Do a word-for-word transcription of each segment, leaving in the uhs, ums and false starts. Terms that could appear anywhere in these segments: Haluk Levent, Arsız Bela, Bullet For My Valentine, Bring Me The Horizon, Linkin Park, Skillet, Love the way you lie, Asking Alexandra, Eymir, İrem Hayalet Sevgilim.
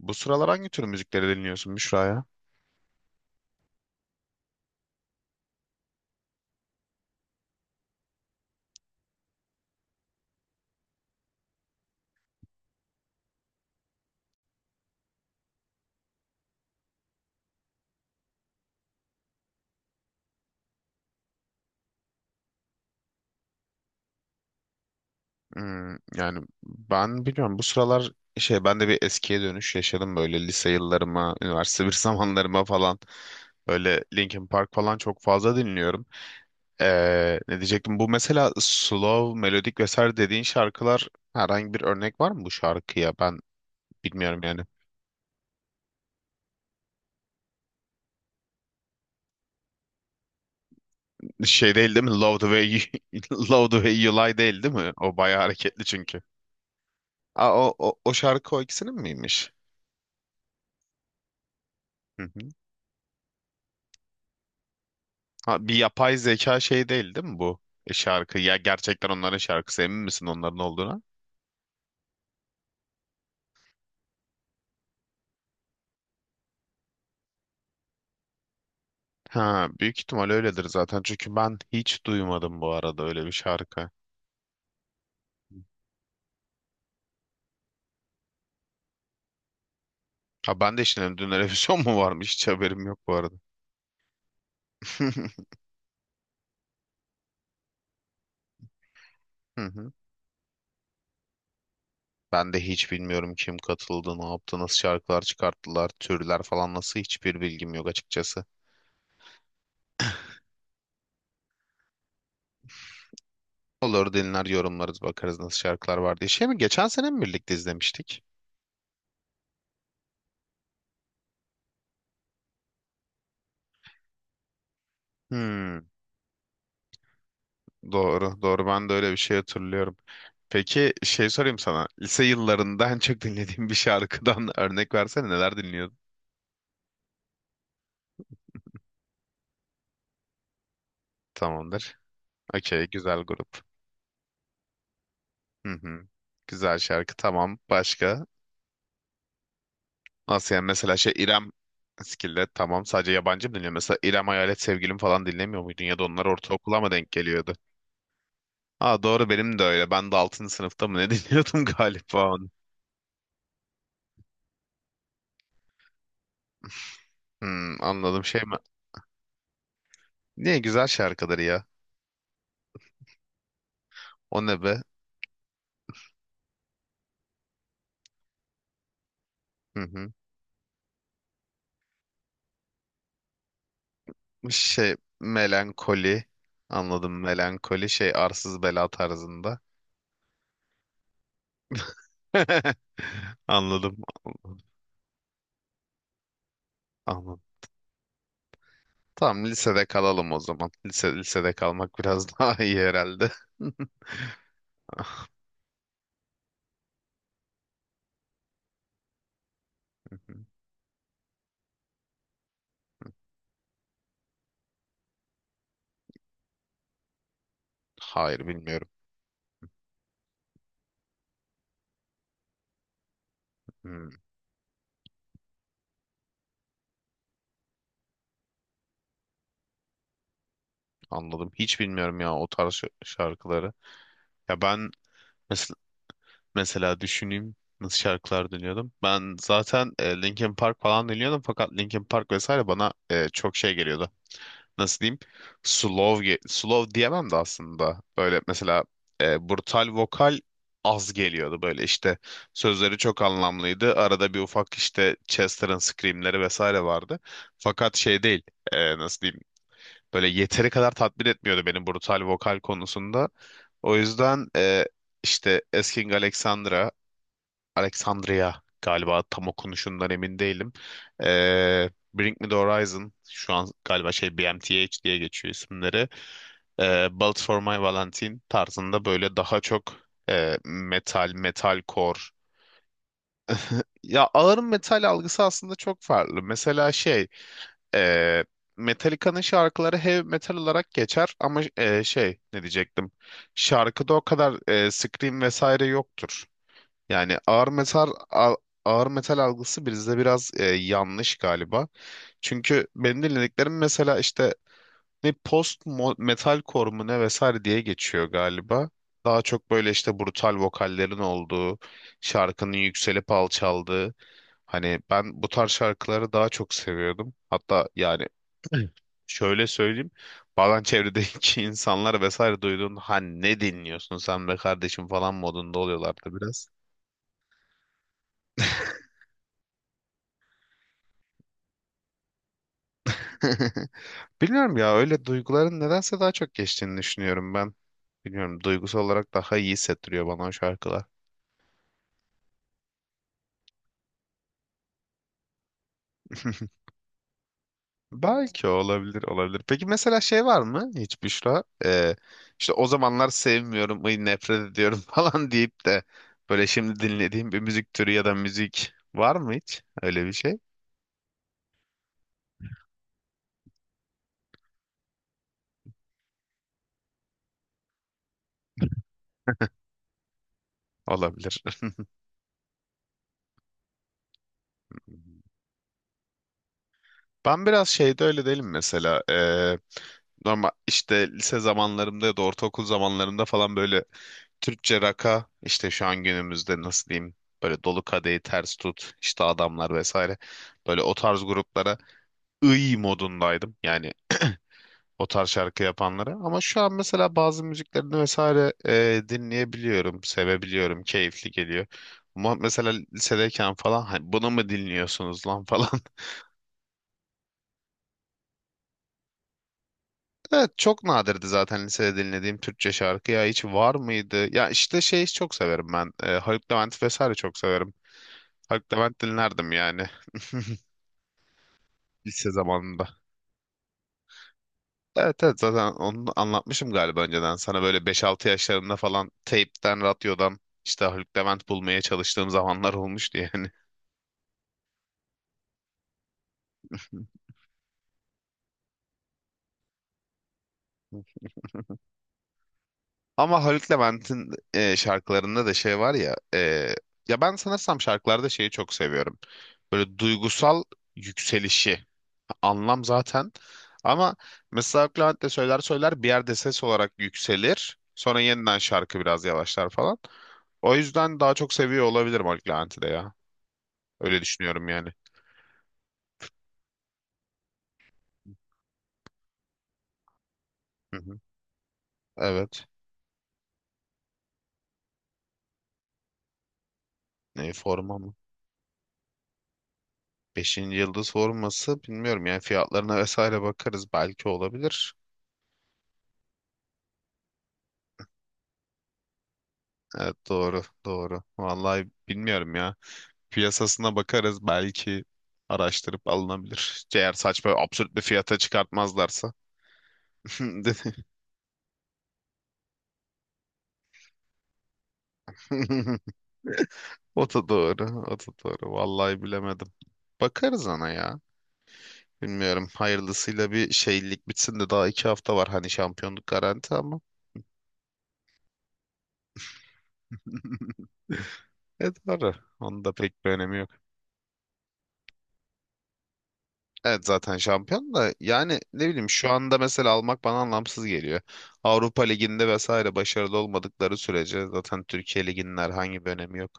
Bu sıralar hangi tür müzikleri dinliyorsun Büşra ya? Hmm, yani ben bilmiyorum bu sıralar şey ben de bir eskiye dönüş yaşadım böyle lise yıllarıma, üniversite bir zamanlarıma falan. Böyle Linkin Park falan çok fazla dinliyorum. Ee, ne diyecektim? Bu mesela slow, melodik vesaire dediğin şarkılar herhangi bir örnek var mı bu şarkıya? Ben bilmiyorum yani. Şey değil değil mi? Love the way you, Love the way you lie değil değil mi? O bayağı hareketli çünkü. Aa, o, o, o şarkı o ikisinin miymiş? Hı hı. Ha, bir yapay zeka şey değil değil mi bu E, şarkı? Ya gerçekten onların şarkısı emin misin onların olduğuna? Ha, büyük ihtimal öyledir zaten. Çünkü ben hiç duymadım bu arada öyle bir şarkı. Ha ben de şimdi dün televizyon mu varmış hiç haberim yok bu arada. Hı hı. Ben de hiç bilmiyorum kim katıldı, ne yaptı, nasıl şarkılar çıkarttılar, türler falan nasıl hiçbir bilgim yok açıkçası. Olur dinler yorumlarız bakarız nasıl şarkılar var diye. Şey mi geçen sene mi birlikte izlemiştik? Hmm. Doğru, doğru. Ben de öyle bir şey hatırlıyorum. Peki şey sorayım sana. Lise yıllarında en çok dinlediğin bir şarkıdan örnek versene neler dinliyordun? Tamamdır. Okey, güzel grup. Hı hı. Güzel şarkı, tamam. Başka? Nasıl yani mesela şey İrem Skillet tamam sadece yabancı mı dinliyor? Mesela İrem Hayalet Sevgilim falan dinlemiyor muydun ya da onlar ortaokula mı denk geliyordu? Aa doğru benim de öyle. Ben de altıncı sınıfta mı ne dinliyordum galiba onu. Hmm, anladım şey mi? Niye güzel şarkıları ya? O ne be? Hı hı. Şey melankoli. Anladım melankoli şey arsız bela tarzında. Anladım. Anladım. Anladım. Tamam lisede kalalım o zaman. Lise, lisede kalmak biraz daha iyi herhalde. Ah, Hayır bilmiyorum. Hmm, anladım. Hiç bilmiyorum ya o tarz şa- şarkıları. Ya ben mes- mesela düşüneyim nasıl şarkılar dinliyordum. Ben zaten e, Linkin Park falan dinliyordum fakat Linkin Park vesaire bana e, çok şey geliyordu. Nasıl diyeyim slow ge- slow diyemem de aslında böyle mesela e, brutal vokal az geliyordu böyle işte sözleri çok anlamlıydı arada bir ufak işte Chester'ın screamleri vesaire vardı fakat şey değil e, nasıl diyeyim böyle yeteri kadar tatmin etmiyordu beni brutal vokal konusunda o yüzden e, işte Asking Alexandra Alexandria galiba tam okunuşundan emin değilim. Ee, Bring Me The Horizon şu an galiba şey B M T H diye geçiyor isimleri. Ee, Bullet For My Valentine tarzında böyle daha çok e, metal, metalcore. Ya ağır metal algısı aslında çok farklı. Mesela şey e, Metallica'nın şarkıları heavy metal olarak geçer ama e, şey ne diyecektim? Şarkıda o kadar e, scream vesaire yoktur. Yani ağır metal al- ağır metal algısı bizde biraz e, yanlış galiba. Çünkü benim dinlediklerim mesela işte ne post mo- metalcore mu ne vesaire diye geçiyor galiba. Daha çok böyle işte brutal vokallerin olduğu, şarkının yükselip alçaldığı. Hani ben bu tarz şarkıları daha çok seviyordum. Hatta yani şöyle söyleyeyim. Bazen çevredeki insanlar vesaire duyduğunda ha ne dinliyorsun sen be kardeşim falan modunda oluyorlardı biraz. Bilmiyorum ya öyle duyguların nedense daha çok geçtiğini düşünüyorum ben. Bilmiyorum duygusal olarak daha iyi hissettiriyor bana o şarkılar. Belki olabilir olabilir. Peki mesela şey var mı hiç Büşra? Ee, işte o zamanlar sevmiyorum, ay nefret ediyorum falan deyip de böyle şimdi dinlediğim bir müzik türü ya da müzik var mı hiç? Öyle bir şey olabilir. Ben biraz şeyde öyle değilim mesela. Ee, normal işte lise zamanlarımda ya da ortaokul zamanlarımda falan böyle Türkçe raka işte şu an günümüzde nasıl diyeyim böyle dolu kadehi ters tut işte adamlar vesaire böyle o tarz gruplara ıy modundaydım yani o tarz şarkı yapanlara ama şu an mesela bazı müziklerini vesaire e, dinleyebiliyorum sevebiliyorum keyifli geliyor ama mesela lisedeyken falan hani bunu mu dinliyorsunuz lan falan. Evet çok nadirdi zaten lisede dinlediğim Türkçe şarkı ya hiç var mıydı? Ya işte şey çok severim ben. E, Haluk Levent vesaire çok severim. Haluk Levent dinlerdim yani lise zamanında. Evet evet zaten onu anlatmışım galiba önceden. Sana böyle beş altı yaşlarımda falan teypten, radyodan işte Haluk Levent bulmaya çalıştığım zamanlar olmuştu yani. Ama Haluk Levent'in e, şarkılarında da şey var ya e, ya ben sanırsam şarkılarda şeyi çok seviyorum. Böyle duygusal yükselişi. Anlam zaten. Ama mesela Clement de söyler söyler bir yerde ses olarak yükselir. Sonra yeniden şarkı biraz yavaşlar falan. O yüzden daha çok seviyor olabilirim Mark de ya. Öyle düşünüyorum yani. Hı hı. Evet. Ne forma mı? Beşinci yıldız forması bilmiyorum yani fiyatlarına vesaire bakarız belki olabilir. Evet doğru doğru. Vallahi bilmiyorum ya. Piyasasına bakarız belki araştırıp alınabilir. Eğer saçma absürt bir fiyata çıkartmazlarsa. O da doğru, o da doğru. Vallahi bilemedim. Bakarız ona ya. Bilmiyorum. Hayırlısıyla bir şeylik bitsin de daha iki hafta var. Hani şampiyonluk garanti ama. Evet doğru. Onun da pek bir önemi yok. Evet zaten şampiyon da yani ne bileyim şu anda mesela almak bana anlamsız geliyor. Avrupa Ligi'nde vesaire başarılı olmadıkları sürece zaten Türkiye Ligi'nin herhangi bir önemi yok.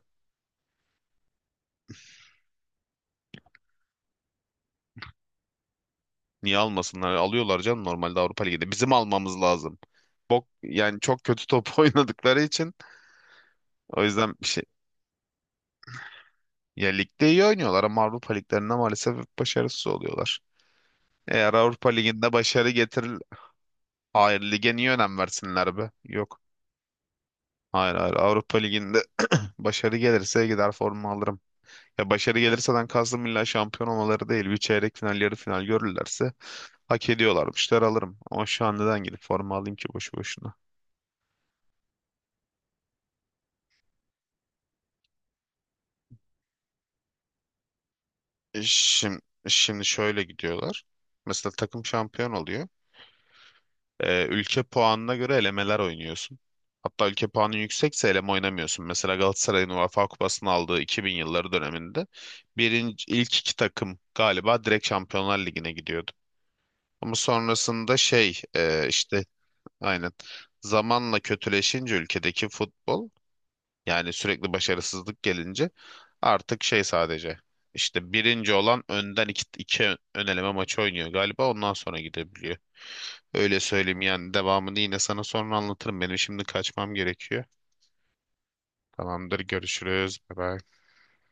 Niye almasınlar? Alıyorlar canım normalde Avrupa liginde. Bizim almamız lazım. Bok yani çok kötü top oynadıkları için o yüzden bir şey. Ya ligde iyi oynuyorlar ama Avrupa liglerinde maalesef hep başarısız oluyorlar. Eğer Avrupa liginde başarı getirir, hayır lige niye önem versinler be? Yok. Hayır hayır Avrupa liginde başarı gelirse gider forma alırım. Ya başarı gelirseden kastım illa şampiyon olmaları değil. Bir çeyrek final, yarı final görürlerse hak ediyorlarmışlar alırım. Ama şu an neden gidip forma alayım ki boşu boşuna? Şimdi, şimdi şöyle gidiyorlar. Mesela takım şampiyon oluyor. Ee, ülke puanına göre elemeler oynuyorsun. Hatta ülke puanın yüksekse eleme oynamıyorsun. Mesela Galatasaray'ın UEFA Kupası'nı aldığı iki bin yılları döneminde birinci, ilk iki takım galiba direkt Şampiyonlar Ligi'ne gidiyordu. Ama sonrasında şey e, işte aynen zamanla kötüleşince ülkedeki futbol yani sürekli başarısızlık gelince artık şey sadece işte birinci olan önden iki, iki ön eleme maçı oynuyor galiba ondan sonra gidebiliyor. Öyle söyleyeyim yani devamını yine sana sonra anlatırım. Benim şimdi kaçmam gerekiyor. Tamamdır görüşürüz. Bye bye.